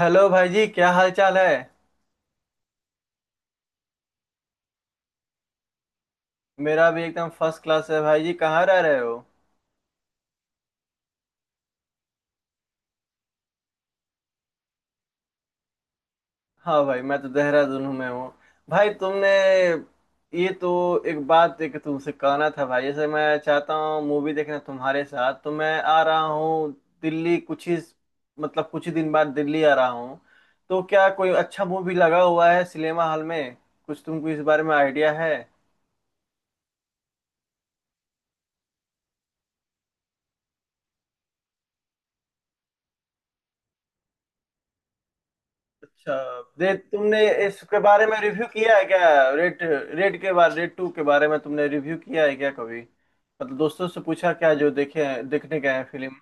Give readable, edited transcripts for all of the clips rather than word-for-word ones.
Hello भाई जी, क्या हाल चाल है? मेरा भी एकदम फर्स्ट क्लास है भाई जी। कहाँ रह रहे हो? हाँ भाई, मैं तो देहरादून में हूँ। भाई तुमने ये तो एक बात एक तुमसे कहना था भाई, जैसे मैं चाहता हूँ मूवी देखना तुम्हारे साथ तो मैं आ रहा हूँ। दिल्ली कुछ ही मतलब कुछ ही दिन बाद दिल्ली आ रहा हूँ। तो क्या कोई अच्छा मूवी लगा हुआ है सिनेमा हॉल में? कुछ तुमको इस बारे में आइडिया है? अच्छा। दे तुमने इसके बारे में रिव्यू किया है क्या? रेड रेड के बारे रेड टू के बारे में तुमने रिव्यू किया है क्या कभी, मतलब दोस्तों से पूछा क्या जो देखे हैं, देखने गए हैं फिल्म?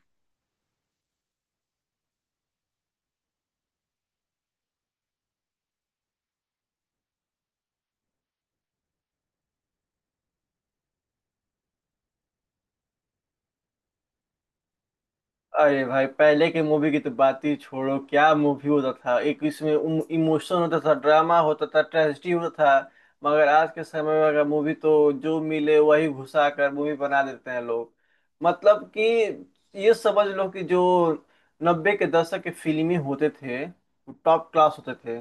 अरे भाई पहले के मूवी की तो बात ही छोड़ो, क्या मूवी होता था! एक इसमें इमोशन होता था, ड्रामा होता था, ट्रेजेडी होता था। मगर आज के समय में अगर मूवी, तो जो मिले वही घुसा कर मूवी बना देते हैं लोग। मतलब कि ये समझ लो कि जो 90 के दशक के फिल्में होते थे, टॉप क्लास होते थे।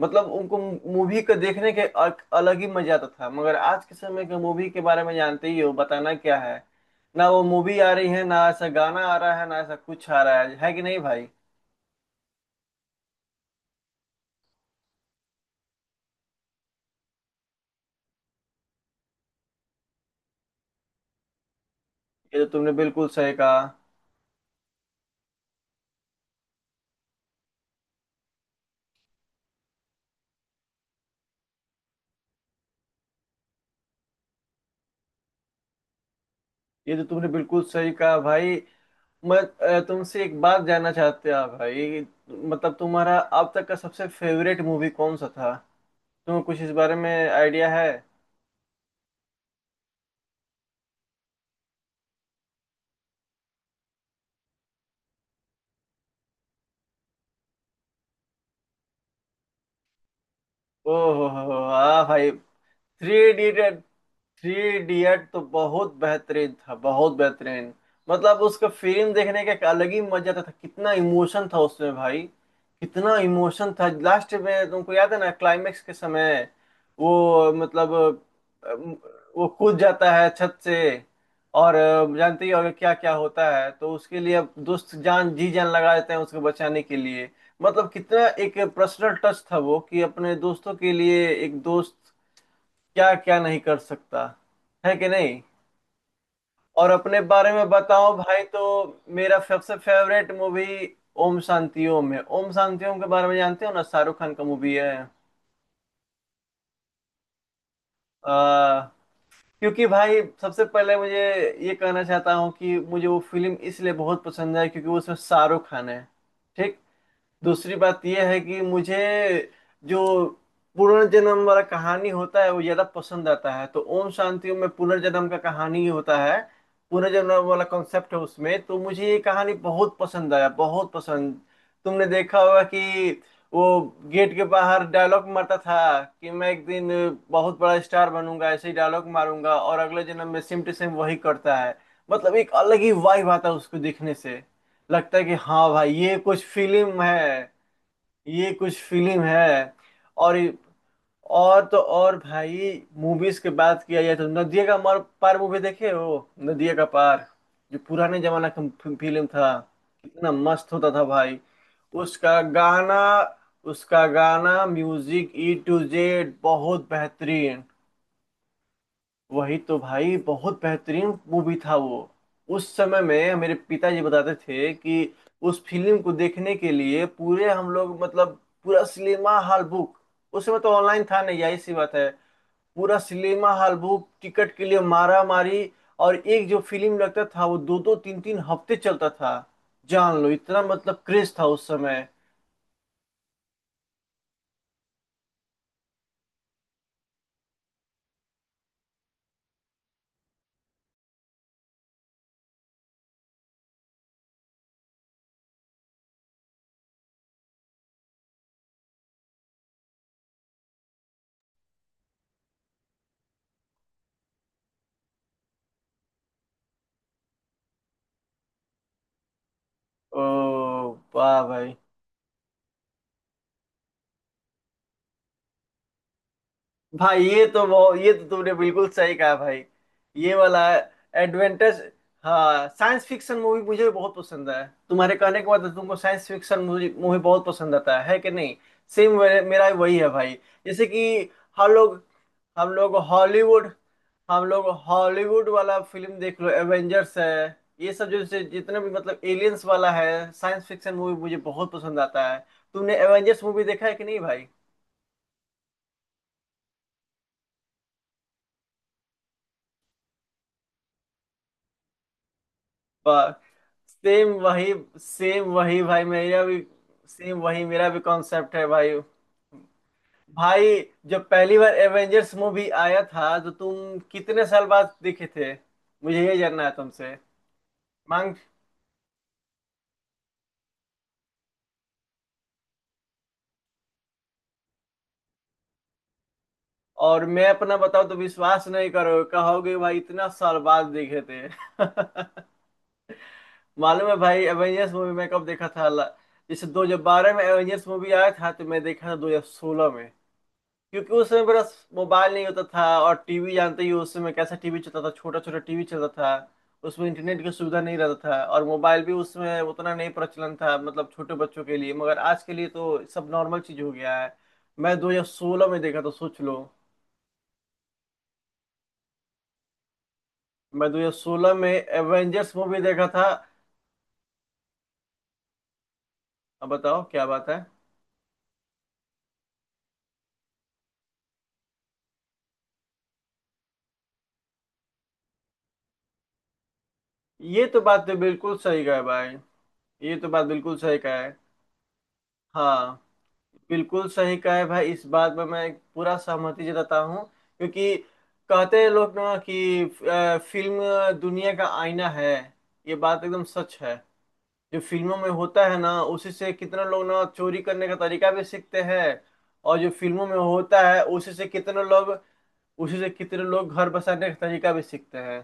मतलब उनको, मूवी को देखने के अलग ही मजा आता था। मगर आज के समय के मूवी के बारे में जानते ही हो, बताना क्या है। ना वो मूवी आ रही है, ना ऐसा गाना आ रहा है, ना ऐसा कुछ आ रहा है कि नहीं भाई ये? तो तुमने बिल्कुल सही कहा। ये तो तुमने बिल्कुल सही कहा भाई। मैं तुमसे एक बात जानना चाहते हैं भाई। मतलब तुम्हारा अब तक का सबसे फेवरेट मूवी कौन सा था? तुम्हें कुछ इस बारे में आइडिया है? ओ हो, हाँ भाई। थ्री इडियट, थ्री इडियट तो बहुत बेहतरीन था, बहुत बेहतरीन। मतलब उसका फिल्म देखने का एक अलग ही मजा था, कितना इमोशन था उसमें भाई। कितना इमोशन था लास्ट में, तुमको याद है ना क्लाइमेक्स के समय? वो मतलब, अम, वो कूद जाता है छत से, और जानते ही होगे क्या क्या होता है, तो उसके लिए अब दोस्त जान जी जान लगा देते हैं उसको बचाने के लिए। मतलब कितना एक पर्सनल टच था वो, कि अपने दोस्तों के लिए एक दोस्त क्या क्या नहीं कर सकता, है कि नहीं? और अपने बारे में बताओ भाई, तो मेरा सबसे फेवरेट मूवी ओम शांति ओम है। ओम शांति ओम के बारे में जानते हो ना, शाहरुख खान का मूवी है। आ, क्योंकि भाई सबसे पहले मुझे ये कहना चाहता हूँ कि मुझे वो फिल्म इसलिए बहुत पसंद है क्योंकि उसमें शाहरुख खान है, ठीक। दूसरी बात यह है कि मुझे जो पुनर्जन्म वाला कहानी होता है वो ज्यादा पसंद आता है, तो ओम शांति ओम में पुनर्जन्म का कहानी ही होता है, पुनर्जन्म वाला कॉन्सेप्ट है उसमें। तो मुझे ये कहानी बहुत पसंद आया, बहुत पसंद। तुमने देखा होगा कि वो गेट के बाहर डायलॉग मारता था कि मैं एक दिन बहुत बड़ा स्टार बनूंगा, ऐसे ही डायलॉग मारूंगा, और अगले जन्म में सेम टू सेम वही करता है। मतलब एक अलग ही वाइब आता है उसको देखने से, लगता है कि हाँ भाई, ये कुछ फिल्म है, ये कुछ फिल्म है। और और तो और भाई, मूवीज की बात किया जाए तो नदिया का मर पार मूवी देखे हो? नदिया का पार, जो पुराने जमाना का फिल्म था। कितना मस्त होता था भाई उसका गाना! म्यूजिक ई टू जेड बहुत बेहतरीन। वही तो भाई, बहुत बेहतरीन मूवी था वो। उस समय में मेरे पिताजी बताते थे कि उस फिल्म को देखने के लिए पूरे हम लोग, मतलब पूरा सिनेमा हॉल बुक, उस समय तो ऑनलाइन था नहीं, यही सी बात है। पूरा सिनेमा हॉल बुक, टिकट के लिए मारा मारी। और एक जो फिल्म लगता था वो दो दो तीन तीन हफ्ते चलता था। जान लो इतना मतलब क्रेज था उस समय। ओ, वाह भाई! भाई ये तो बहुत, ये तो तुमने बिल्कुल सही कहा भाई। ये वाला एडवेंचर! हाँ साइंस फिक्शन मूवी मुझे भी बहुत पसंद है। तुम्हारे कहने के बाद तुमको साइंस फिक्शन मूवी मूवी बहुत पसंद आता है कि नहीं? सेम, मेरा भी वही है भाई। जैसे कि हम लोग हम लोग हॉलीवुड हम लोग हॉलीवुड वाला फिल्म देख लो, एवेंजर्स है। ये सब जो जितने भी मतलब एलियंस वाला है, साइंस फिक्शन मूवी मुझे बहुत पसंद आता है। तुमने एवेंजर्स मूवी देखा है कि नहीं भाई? सेम वही, भाई मेरा भी। सेम वही, मेरा भी कॉन्सेप्ट है भाई। भाई, जब पहली बार एवेंजर्स मूवी आया था तो तुम कितने साल बाद देखे थे? मुझे ये जानना है तुमसे। मांग और मैं अपना बताऊं तो विश्वास नहीं करोगे, कहोगे भाई इतना साल बाद देखे थे। मालूम है भाई एवेंजर्स मूवी मैं कब देखा था? जैसे 2012 में एवेंजर्स मूवी आया था तो मैं देखा था 2016 में। क्योंकि उस समय मेरा मोबाइल नहीं होता था, और टीवी जानते ही हो, उस समय कैसा टीवी चलता था, छोटा छोटा टीवी चलता था। उसमें इंटरनेट की सुविधा नहीं रहता था, और मोबाइल भी उस समय उतना नहीं प्रचलन था, मतलब छोटे बच्चों के लिए। मगर आज के लिए तो सब नॉर्मल चीज हो गया है। मैं 2016 में देखा था, सोच लो। मैं 2016 में एवेंजर्स मूवी देखा था। अब बताओ क्या बात है। ये तो बात तो बिल्कुल सही कहा है भाई। ये तो बात बिल्कुल सही कहा है। हाँ, बिल्कुल सही कहा है भाई, इस बात में मैं पूरा सहमति जताता हूँ। क्योंकि कहते हैं लोग ना कि फिल्म दुनिया का आईना है, ये बात एकदम सच है। जो फिल्मों में होता है ना, उसी से कितने लोग ना चोरी करने का तरीका भी सीखते हैं। और जो फिल्मों में होता है उसी से कितने लोग, उसी से कितने लोग घर बसाने का तरीका भी सीखते हैं।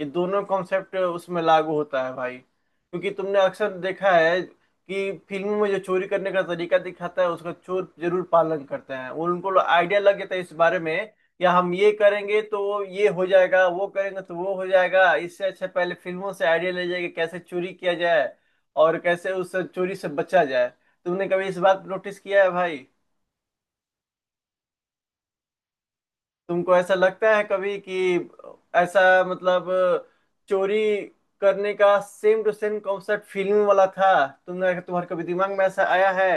ये दोनों कॉन्सेप्ट उसमें लागू होता है भाई, क्योंकि तुमने अक्सर देखा है कि फिल्मों में जो चोरी करने का तरीका दिखाता है, उसका चोर जरूर पालन करते हैं। वो उनको आइडिया लग जाता है इस बारे में, या हम ये करेंगे तो वो ये हो जाएगा, वो करेंगे तो वो हो जाएगा, इससे अच्छा पहले फिल्मों से आइडिया ले जाएगा कैसे चोरी किया जाए, और कैसे उस चोरी से बचा जाए। तुमने कभी इस बात नोटिस किया है भाई? तुमको ऐसा लगता है कभी कि ऐसा, मतलब चोरी करने का सेम टू सेम कॉन्सेप्ट फिल्म वाला था? तुमने तुम्हारे कभी दिमाग में ऐसा आया है?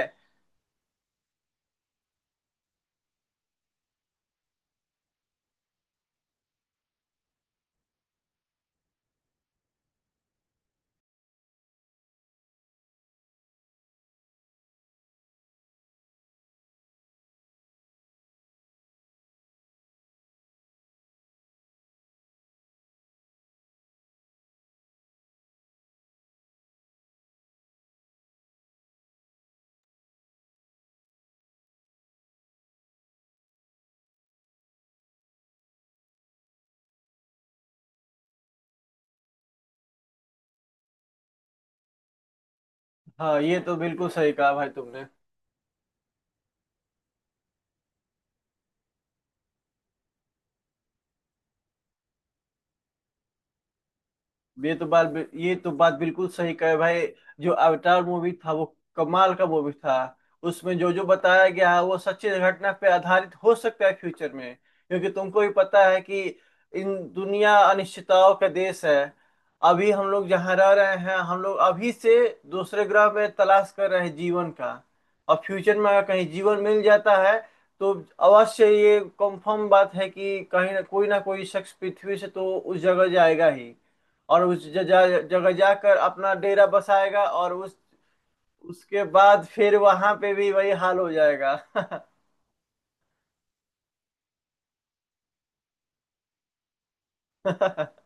हाँ ये तो बिल्कुल सही कहा भाई तुमने। ये तो बात ये तो बात बिल्कुल सही कहे भाई। जो अवतार मूवी था वो कमाल का मूवी था। उसमें जो जो बताया गया है वो सच्ची घटना पे आधारित हो सकता है फ्यूचर में, क्योंकि तुमको भी पता है कि इन दुनिया अनिश्चितताओं का देश है। अभी हम लोग जहाँ रह रहे हैं, हम लोग अभी से दूसरे ग्रह में तलाश कर रहे हैं जीवन का। और फ्यूचर में अगर कहीं जीवन मिल जाता है तो अवश्य ये कंफर्म बात है कि कहीं ना कोई शख्स पृथ्वी से तो उस जगह जाएगा ही। और उस जगह जगह जाकर अपना डेरा बसाएगा, और उस, उसके बाद फिर वहां पे भी वही हाल हो जाएगा।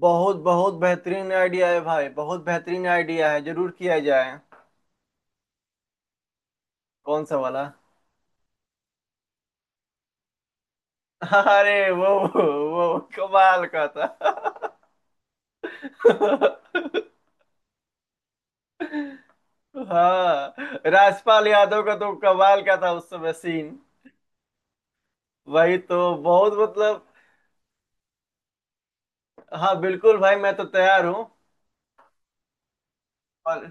बहुत, बहुत बेहतरीन आइडिया है भाई, बहुत बेहतरीन आइडिया है, जरूर किया जाए। कौन सा वाला? अरे वो, वो कमाल का था। हाँ, राजपाल यादव का तो कमाल का था उस समय सीन। वही तो, बहुत मतलब। हाँ बिल्कुल भाई, मैं तो तैयार हूँ। और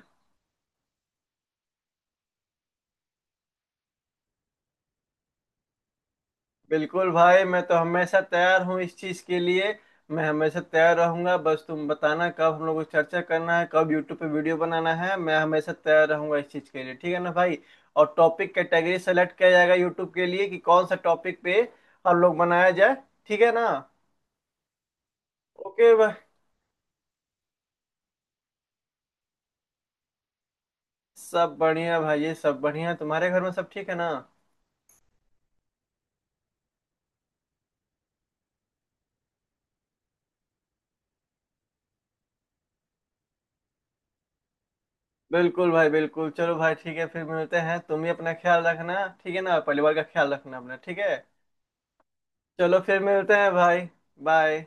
बिल्कुल भाई, मैं तो हमेशा तैयार हूँ इस चीज के लिए। मैं हमेशा तैयार रहूंगा, बस तुम बताना कब हम लोग को चर्चा करना है, कब यूट्यूब पे वीडियो बनाना है। मैं हमेशा तैयार रहूंगा इस चीज के लिए, ठीक है ना भाई? और टॉपिक कैटेगरी सेलेक्ट किया जाएगा यूट्यूब के लिए कि कौन सा टॉपिक पे हम लोग बनाया जाए, ठीक है ना? ओके भाई। सब बढ़िया भाई ये, सब बढ़िया, तुम्हारे घर में सब ठीक है ना? बिल्कुल भाई बिल्कुल। चलो भाई ठीक है, फिर मिलते हैं। तुम भी अपना ख्याल रखना, ठीक है ना? परिवार का ख्याल रखना अपना, ठीक है। चलो फिर मिलते हैं भाई। बाय।